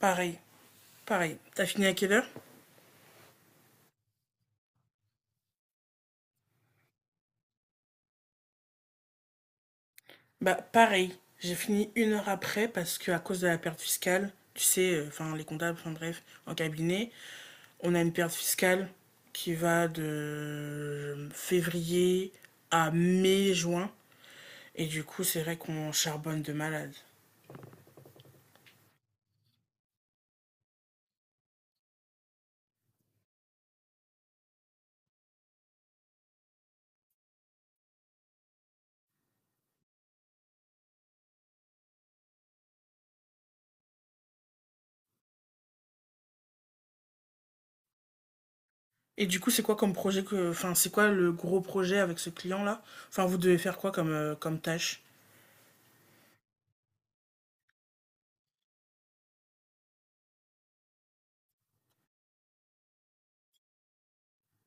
Pareil. Pareil. T'as fini à quelle heure? Bah, pareil. J'ai fini une heure après parce que à cause de la perte fiscale, tu sais, enfin, les comptables, enfin bref, en cabinet, on a une perte fiscale qui va de février à mai-juin. Et du coup, c'est vrai qu'on charbonne de malade. Et du coup, c'est quoi comme projet que. Enfin, c'est quoi le gros projet avec ce client-là? Enfin, vous devez faire quoi comme, comme tâche?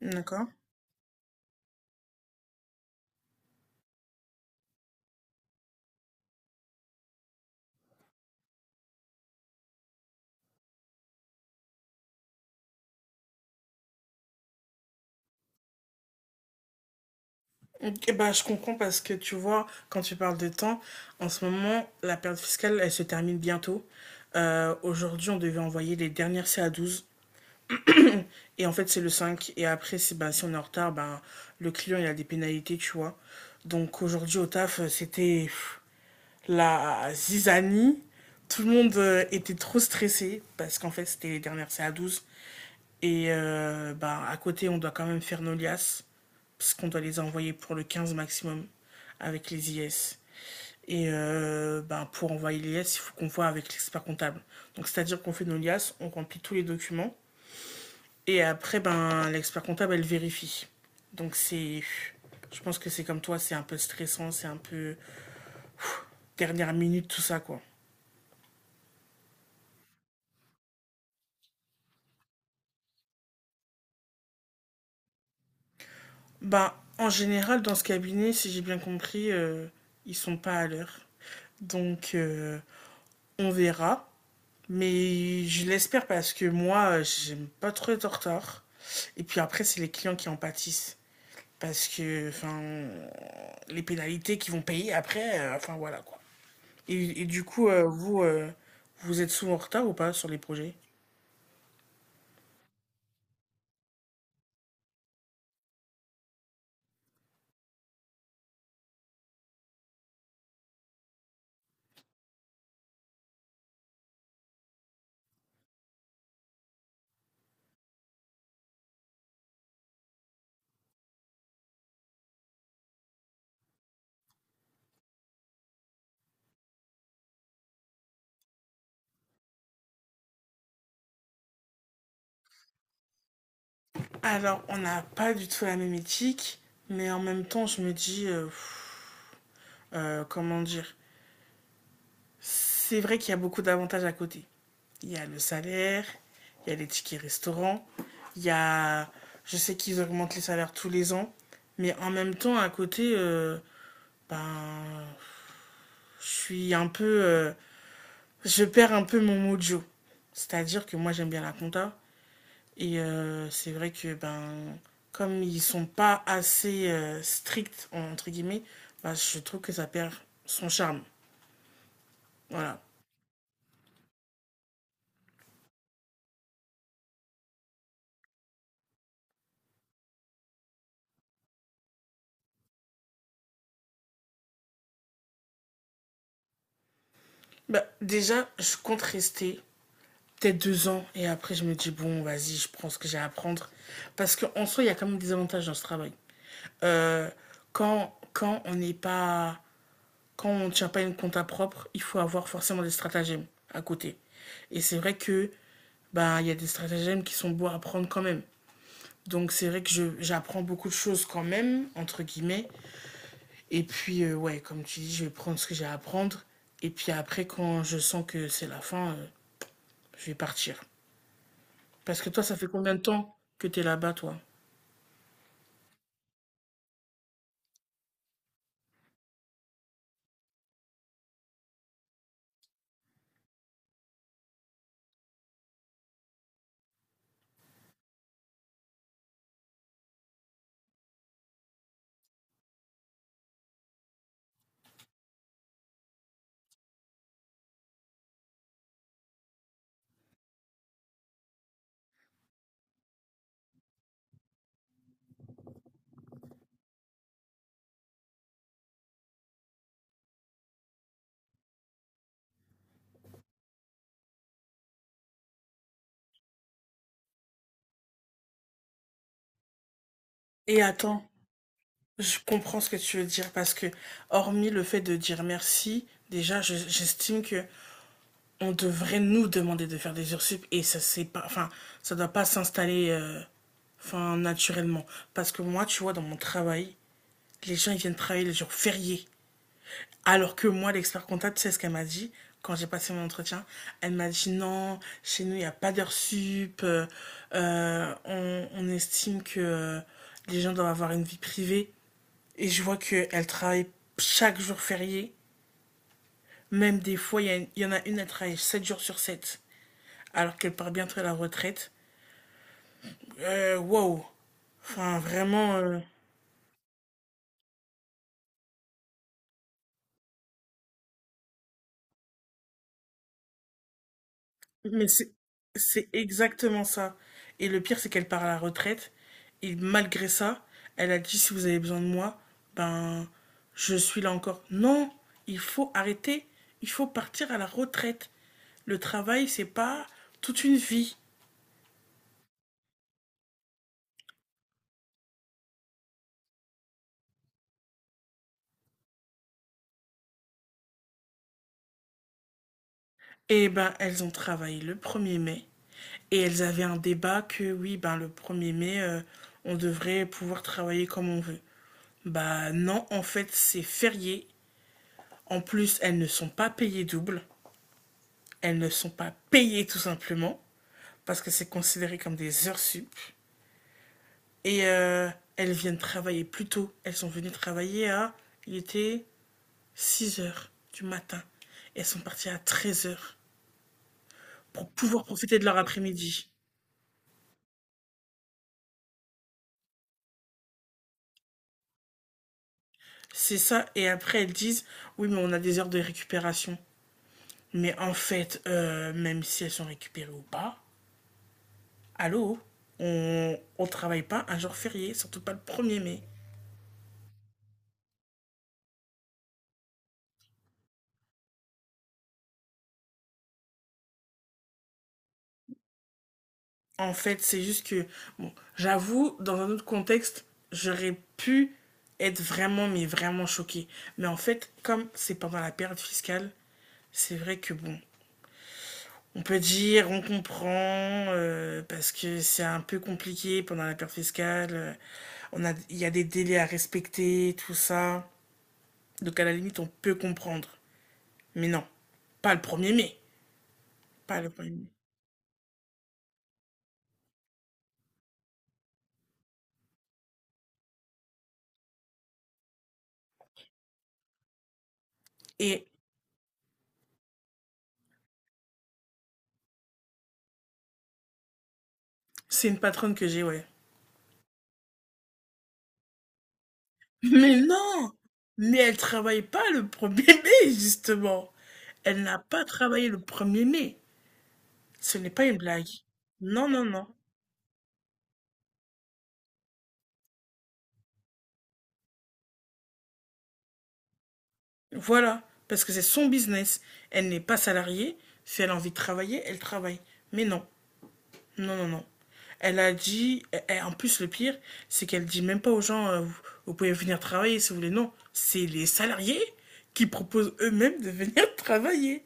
D'accord. Ok, bah, je comprends parce que tu vois, quand tu parles de temps, en ce moment, la période fiscale, elle se termine bientôt. Aujourd'hui, on devait envoyer les dernières ca douze et en fait, c'est le cinq. Et après, c'est, bah, si on est en retard, bah, le client, il a des pénalités, tu vois. Donc aujourd'hui, au taf, c'était pff, la zizanie. Tout le monde était trop stressé parce qu'en fait, c'était les dernières ca douze et bah, à côté, on doit quand même faire nos liasses, parce qu'on doit les envoyer pour le 15 maximum avec les IS. Bah, pour envoyer les liasses, il faut qu'on voit avec l'expert comptable. Donc c'est-à-dire qu'on fait nos liasses, on remplit tous les documents, et après, ben, l'expert comptable, elle vérifie. Donc c'est... Je pense que c'est comme toi, c'est un peu stressant, c'est un peu dernière minute, tout ça, quoi. Bah, en général, dans ce cabinet, si j'ai bien compris, ils sont pas à l'heure. Donc, on verra. Mais je l'espère parce que moi, j'aime pas trop être en retard. Et puis après, c'est les clients qui en pâtissent. Parce que, enfin, les pénalités qu'ils vont payer après, enfin voilà quoi. Et du coup, vous, vous êtes souvent en retard ou pas sur les projets? Alors, on n'a pas du tout la même éthique, mais en même temps, je me dis, comment dire, c'est vrai qu'il y a beaucoup d'avantages à côté. Il y a le salaire, il y a les tickets restaurants, il y a... Je sais qu'ils augmentent les salaires tous les ans, mais en même temps, à côté, ben, je suis un peu... je perds un peu mon mojo. C'est-à-dire que moi, j'aime bien la compta. C'est vrai que, ben, comme ils sont pas assez stricts, entre guillemets, ben, je trouve que ça perd son charme. Voilà. Bah, déjà, je compte rester peut-être deux ans. Et après, je me dis, bon, vas-y, je prends ce que j'ai à apprendre. Parce qu'en soi, il y a quand même des avantages dans ce travail. Euh, Quand on n'est pas. Quand on ne tient pas une compta propre, il faut avoir forcément des stratagèmes à côté. Et c'est vrai que ben, il y a des stratagèmes qui sont beaux à apprendre quand même. Donc c'est vrai que j'apprends beaucoup de choses quand même, entre guillemets. Et puis, ouais, comme tu dis, je vais prendre ce que j'ai à apprendre. Et puis après, quand je sens que c'est la fin, je vais partir. Parce que toi, ça fait combien de temps que t'es là-bas, toi? Et attends, je comprends ce que tu veux dire parce que, hormis le fait de dire merci, déjà, j'estime que on devrait nous demander de faire des heures sup et ça c'est pas, enfin, ça doit pas s'installer, enfin, naturellement. Parce que moi, tu vois, dans mon travail, les gens ils viennent travailler les jours fériés. Alors que moi, l'expert comptable, tu sais ce qu'elle m'a dit quand j'ai passé mon entretien? Elle m'a dit non, chez nous, il n'y a pas d'heures sup. On estime que les gens doivent avoir une vie privée. Et je vois qu'elle travaille chaque jour férié. Même des fois, y en a une, elle travaille 7 jours sur 7, alors qu'elle part bientôt à la retraite. Wow. Enfin, vraiment. Mais c'est exactement ça. Et le pire, c'est qu'elle part à la retraite. Et malgré ça, elle a dit, si vous avez besoin de moi, ben, je suis là encore. Non, il faut arrêter. Il faut partir à la retraite. Le travail, c'est pas toute une vie. Et ben, elles ont travaillé le premier mai. Et elles avaient un débat que oui, ben le premier mai, on devrait pouvoir travailler comme on veut. Bah non, en fait, c'est férié. En plus, elles ne sont pas payées double. Elles ne sont pas payées tout simplement parce que c'est considéré comme des heures sup. Et euh, Elles viennent travailler plus tôt. Elles sont venues travailler à, il était 6 heures du matin. Et elles sont parties à 13 heures pour pouvoir profiter de leur après-midi. C'est ça. Et après, elles disent, oui, mais on a des heures de récupération. Mais en fait, même si elles sont récupérées ou pas, allô, on ne travaille pas un jour férié, surtout pas le premier mai. En fait, c'est juste que, bon, j'avoue, dans un autre contexte, j'aurais pu être vraiment, mais vraiment choquée. Mais en fait, comme c'est pendant la période fiscale, c'est vrai que, bon, on peut dire, on comprend, parce que c'est un peu compliqué pendant la période fiscale. Il y a des délais à respecter, tout ça. Donc à la limite, on peut comprendre. Mais non, pas le 1er mai. Pas le 1er mai. Et c'est une patronne que j'ai, ouais. Mais non! Mais elle travaille pas le premier mai, justement. Elle n'a pas travaillé le premier mai. Ce n'est pas une blague. Non, non, non. Voilà. Parce que c'est son business. Elle n'est pas salariée. Si elle a envie de travailler, elle travaille. Mais non. Non, non, non. Elle a dit, et en plus le pire, c'est qu'elle dit même pas aux gens, vous, vous pouvez venir travailler si vous voulez. Non, c'est les salariés qui proposent eux-mêmes de venir travailler.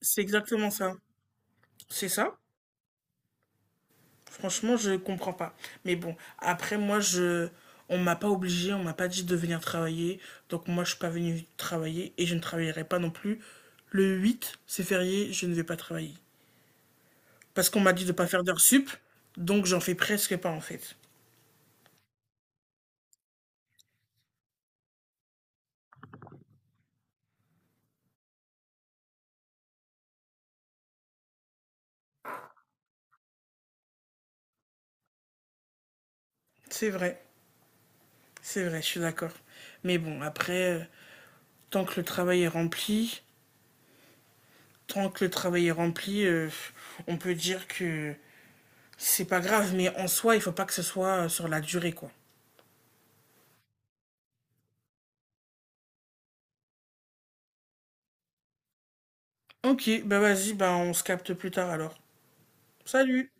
C'est exactement ça. C'est ça. Franchement, je comprends pas. Mais bon, après, moi, je... on m'a pas obligé, on m'a pas dit de venir travailler. Donc, moi, je suis pas venu travailler et je ne travaillerai pas non plus. Le 8, c'est férié, je ne vais pas travailler. Parce qu'on m'a dit de pas faire d'heures sup, donc j'en fais presque pas en fait. C'est vrai, c'est vrai, je suis d'accord. Mais bon, après, tant que le travail est rempli, tant que le travail est rempli, euh, on peut dire que c'est pas grave, mais en soi, il faut pas que ce soit sur la durée, quoi. Ok, bah vas-y, bah on se capte plus tard alors. Salut!